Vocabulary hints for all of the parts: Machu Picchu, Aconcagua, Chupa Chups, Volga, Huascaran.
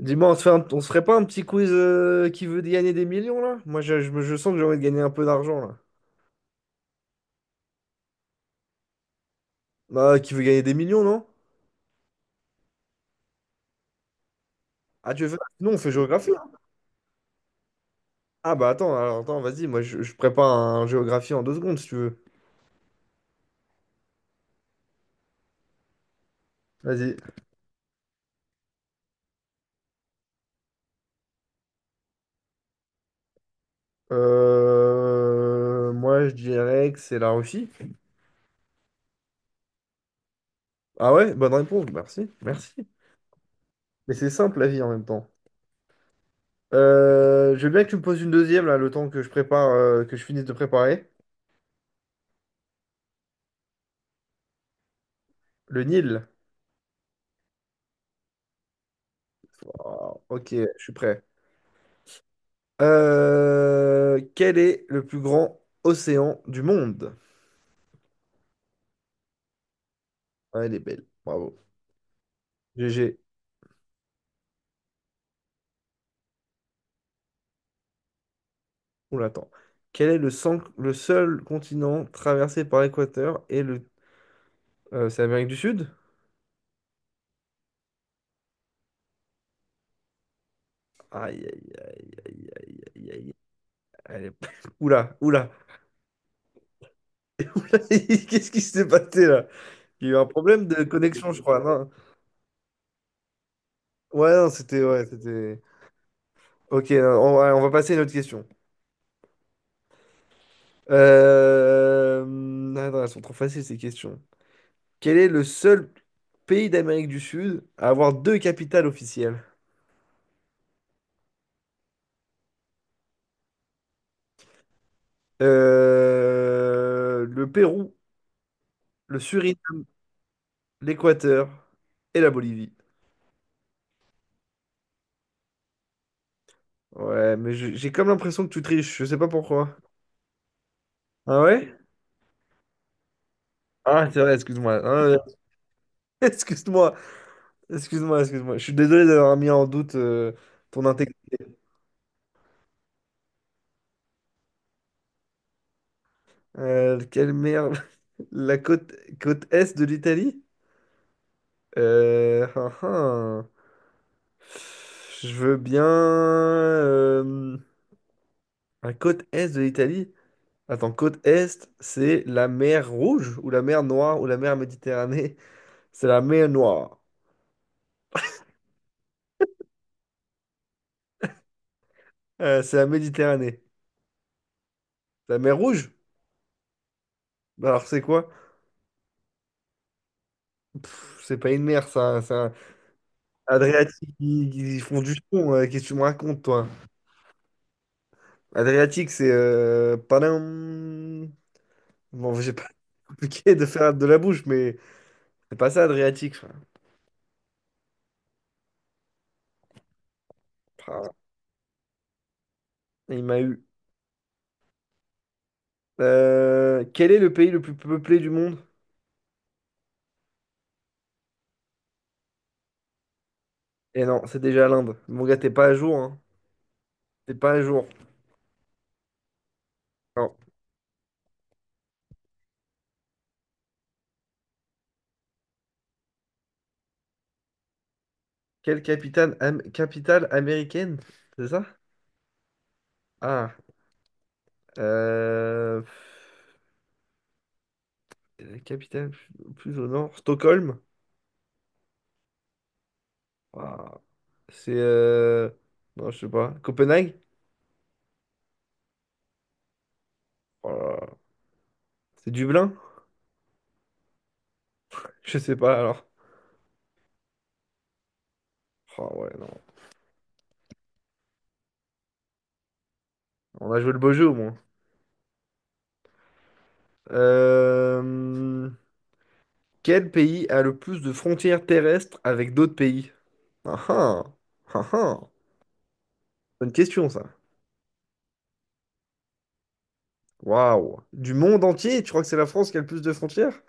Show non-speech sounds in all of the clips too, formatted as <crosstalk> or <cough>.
Dis-moi, on se fait on se ferait pas un petit quiz qui veut gagner des millions là? Moi, je sens que j'ai envie de gagner un peu d'argent là. Bah, qui veut gagner des millions, non? Ah, tu veux faire... Non, on fait géographie, hein. Ah bah attends, alors attends, vas-y, moi je prépare un géographie en 2 secondes si tu veux. Vas-y. Moi, je dirais que c'est la Russie. Ah ouais, bonne réponse, merci, merci. Mais c'est simple la vie en même temps. Je veux bien que tu me poses une deuxième là, le temps que je prépare, que je finisse de préparer. Le Nil. Oh, ok, je suis prêt. Quel est le plus grand océan du monde? Ah, elle est belle, bravo. GG, on l'attend. Quel est le seul continent traversé par l'équateur et le... c'est l'Amérique du Sud? Aïe, aïe, aïe, aïe, aïe, aïe, aïe. Elle est- <laughs> Oula, oula. <laughs> Qu'est-ce qui s'est passé là? Il y a eu un problème de connexion, je crois, non? Ouais, non, c'était... Ouais, c'était... Ok, on va passer à une autre question. Euh... Attends, elles sont trop faciles ces questions. Quel est le seul pays d'Amérique du Sud à avoir deux capitales officielles? Le Pérou, le Suriname, l'Équateur et la Bolivie. Ouais, mais j'ai comme l'impression que tu triches, je sais pas pourquoi. Ah ouais? Ah, c'est vrai, excuse-moi. Ah, ouais. <laughs> Excuse-moi, excuse-moi, excuse-moi. Je suis désolé d'avoir mis en doute ton intégrité. Quelle merde. <laughs> La côte est de l'Italie? Ah, ah. Je veux bien. La côte est de l'Italie? Attends, côte est, c'est la mer Rouge ou la mer Noire ou la mer Méditerranée? <laughs> C'est la mer Noire. C'est la Méditerranée. La mer Rouge? Bah alors c'est quoi? Pff, c'est pas une mer, ça. C'est un Adriatique. Ils font du son. Qu'est-ce que tu me racontes, toi? Adriatique, c'est... padam. Bon, j'ai pas <laughs> compliqué de faire de la bouche, mais c'est pas ça, Adriatique. Enfin, pah, il m'a eu. Quel est le pays le plus peuplé du monde? Et non, c'est déjà l'Inde. Mon gars, t'es pas à jour, hein. T'es pas à jour. Non. Quelle capitale, capitale américaine? C'est ça? Ah. Euh... pff, La capitale plus au nord. Stockholm? Waouh. C'est... euh, Non, je sais pas. Copenhague? Oh là là. C'est Dublin? <laughs> Je sais pas, alors. Oh ouais, non. On a joué le beau jeu, au moins. Euh... Quel pays a le plus de frontières terrestres avec d'autres pays? Ah ah. Ah ah. Bonne question, ça. Waouh! Du monde entier, tu crois que c'est la France qui a le plus de frontières?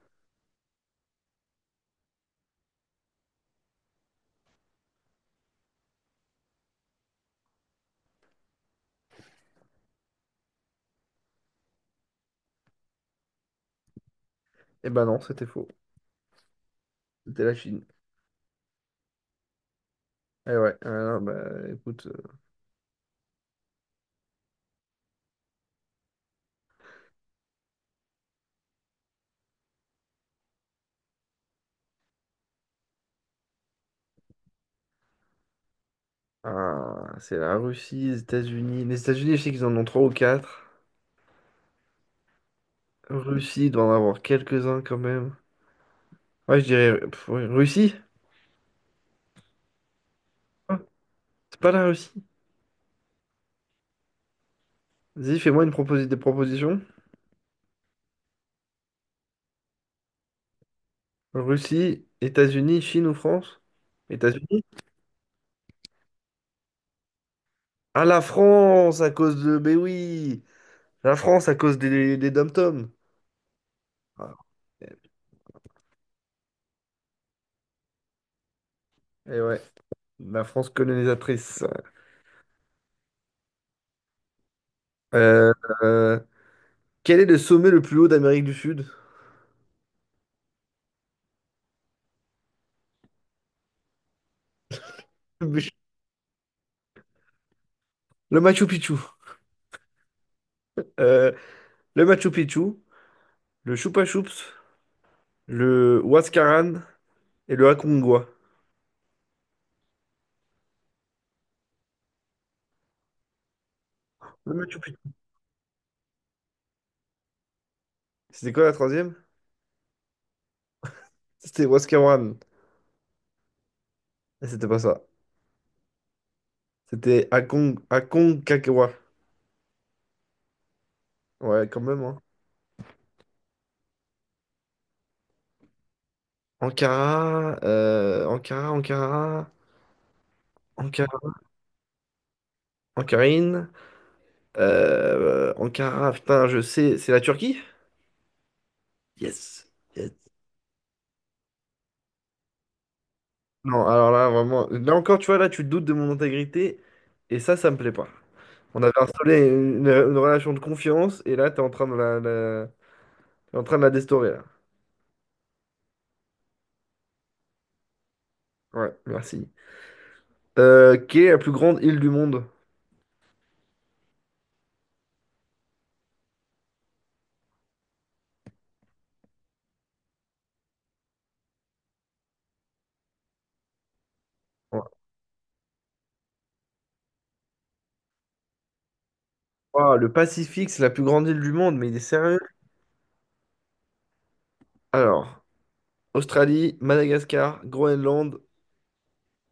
Eh ben non, c'était faux. C'était la Chine. Eh ouais, ah, bah écoute, ah, c'est la Russie, les États-Unis. Les États-Unis, je sais qu'ils en ont trois ou quatre. Russie, il doit en avoir quelques-uns quand même. Ouais, je dirais pff, ouais, Russie? Ah, c'est pas la Russie. Vas-y, fais-moi des propositions. Russie, États-Unis, Chine ou France? États-Unis? Ah, la France, à cause de. Mais oui! La France, à cause des dom-toms. Ah, eh eh ouais. La France colonisatrice. Euh, euh, Quel est le sommet le plus haut d'Amérique du Sud? Le Machu Picchu. Euh, le Machu Picchu, le Chupa Chups, le Huascaran et le Aconcagua. Le Machu Picchu. C'était quoi la troisième? C'était Huascaran. Et c'était pas ça. C'était Aconcagua. Ouais, quand même, hein. Ankara, Ankara, Ankara, Ankara, Ankarine, Ankara, putain, je sais, c'est la Turquie? Yes. Yes. Non, alors là, vraiment, là encore, tu vois, là, tu doutes de mon intégrité, et ça me plaît pas. On avait installé une relation de confiance, et là, t'es en train t'es en train de la déstaurer, là. Ouais, merci. Quelle est la plus grande île du monde? Ouais. Ouah, le Pacifique, c'est la plus grande île du monde, mais il est sérieux? Alors, Australie, Madagascar, Groenland,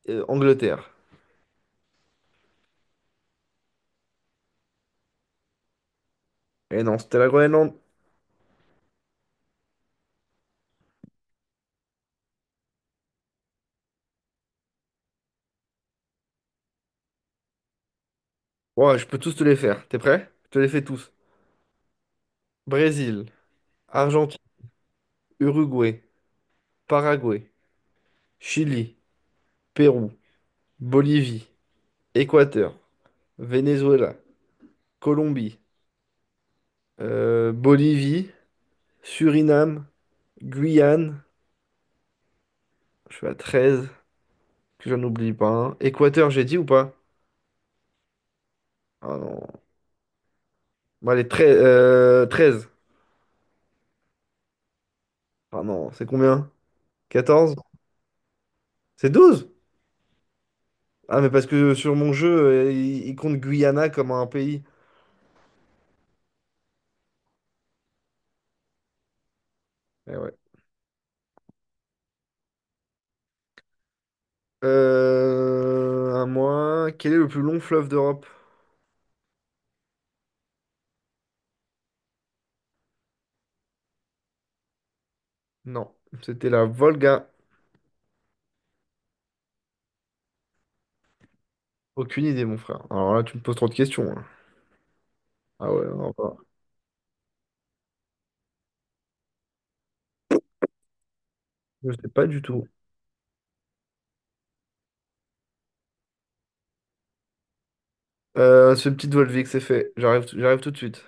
Angleterre. Et non, c'était la Groenland. Ouais, je peux tous te les faire. T'es prêt? Je te les fais tous. Brésil, Argentine, Uruguay, Paraguay, Chili. Pérou, Bolivie, Équateur, Venezuela, Colombie, Bolivie, Suriname, Guyane, je suis à 13, que j'en oublie pas, hein. Équateur, j'ai dit ou pas? Ah non. Bon, allez, 13. 13. Ah non, c'est combien? 14. C'est 12. Ah, mais parce que sur mon jeu, il compte Guyana comme un pays. Eh ouais. À moi, quel est le plus long fleuve d'Europe? Non, c'était la Volga. Aucune idée, mon frère. Alors là, tu me poses trop de questions, hein. Ah ouais, non, je sais pas du tout. Ce petit doigt levé que c'est fait. J'arrive, j'arrive tout de suite.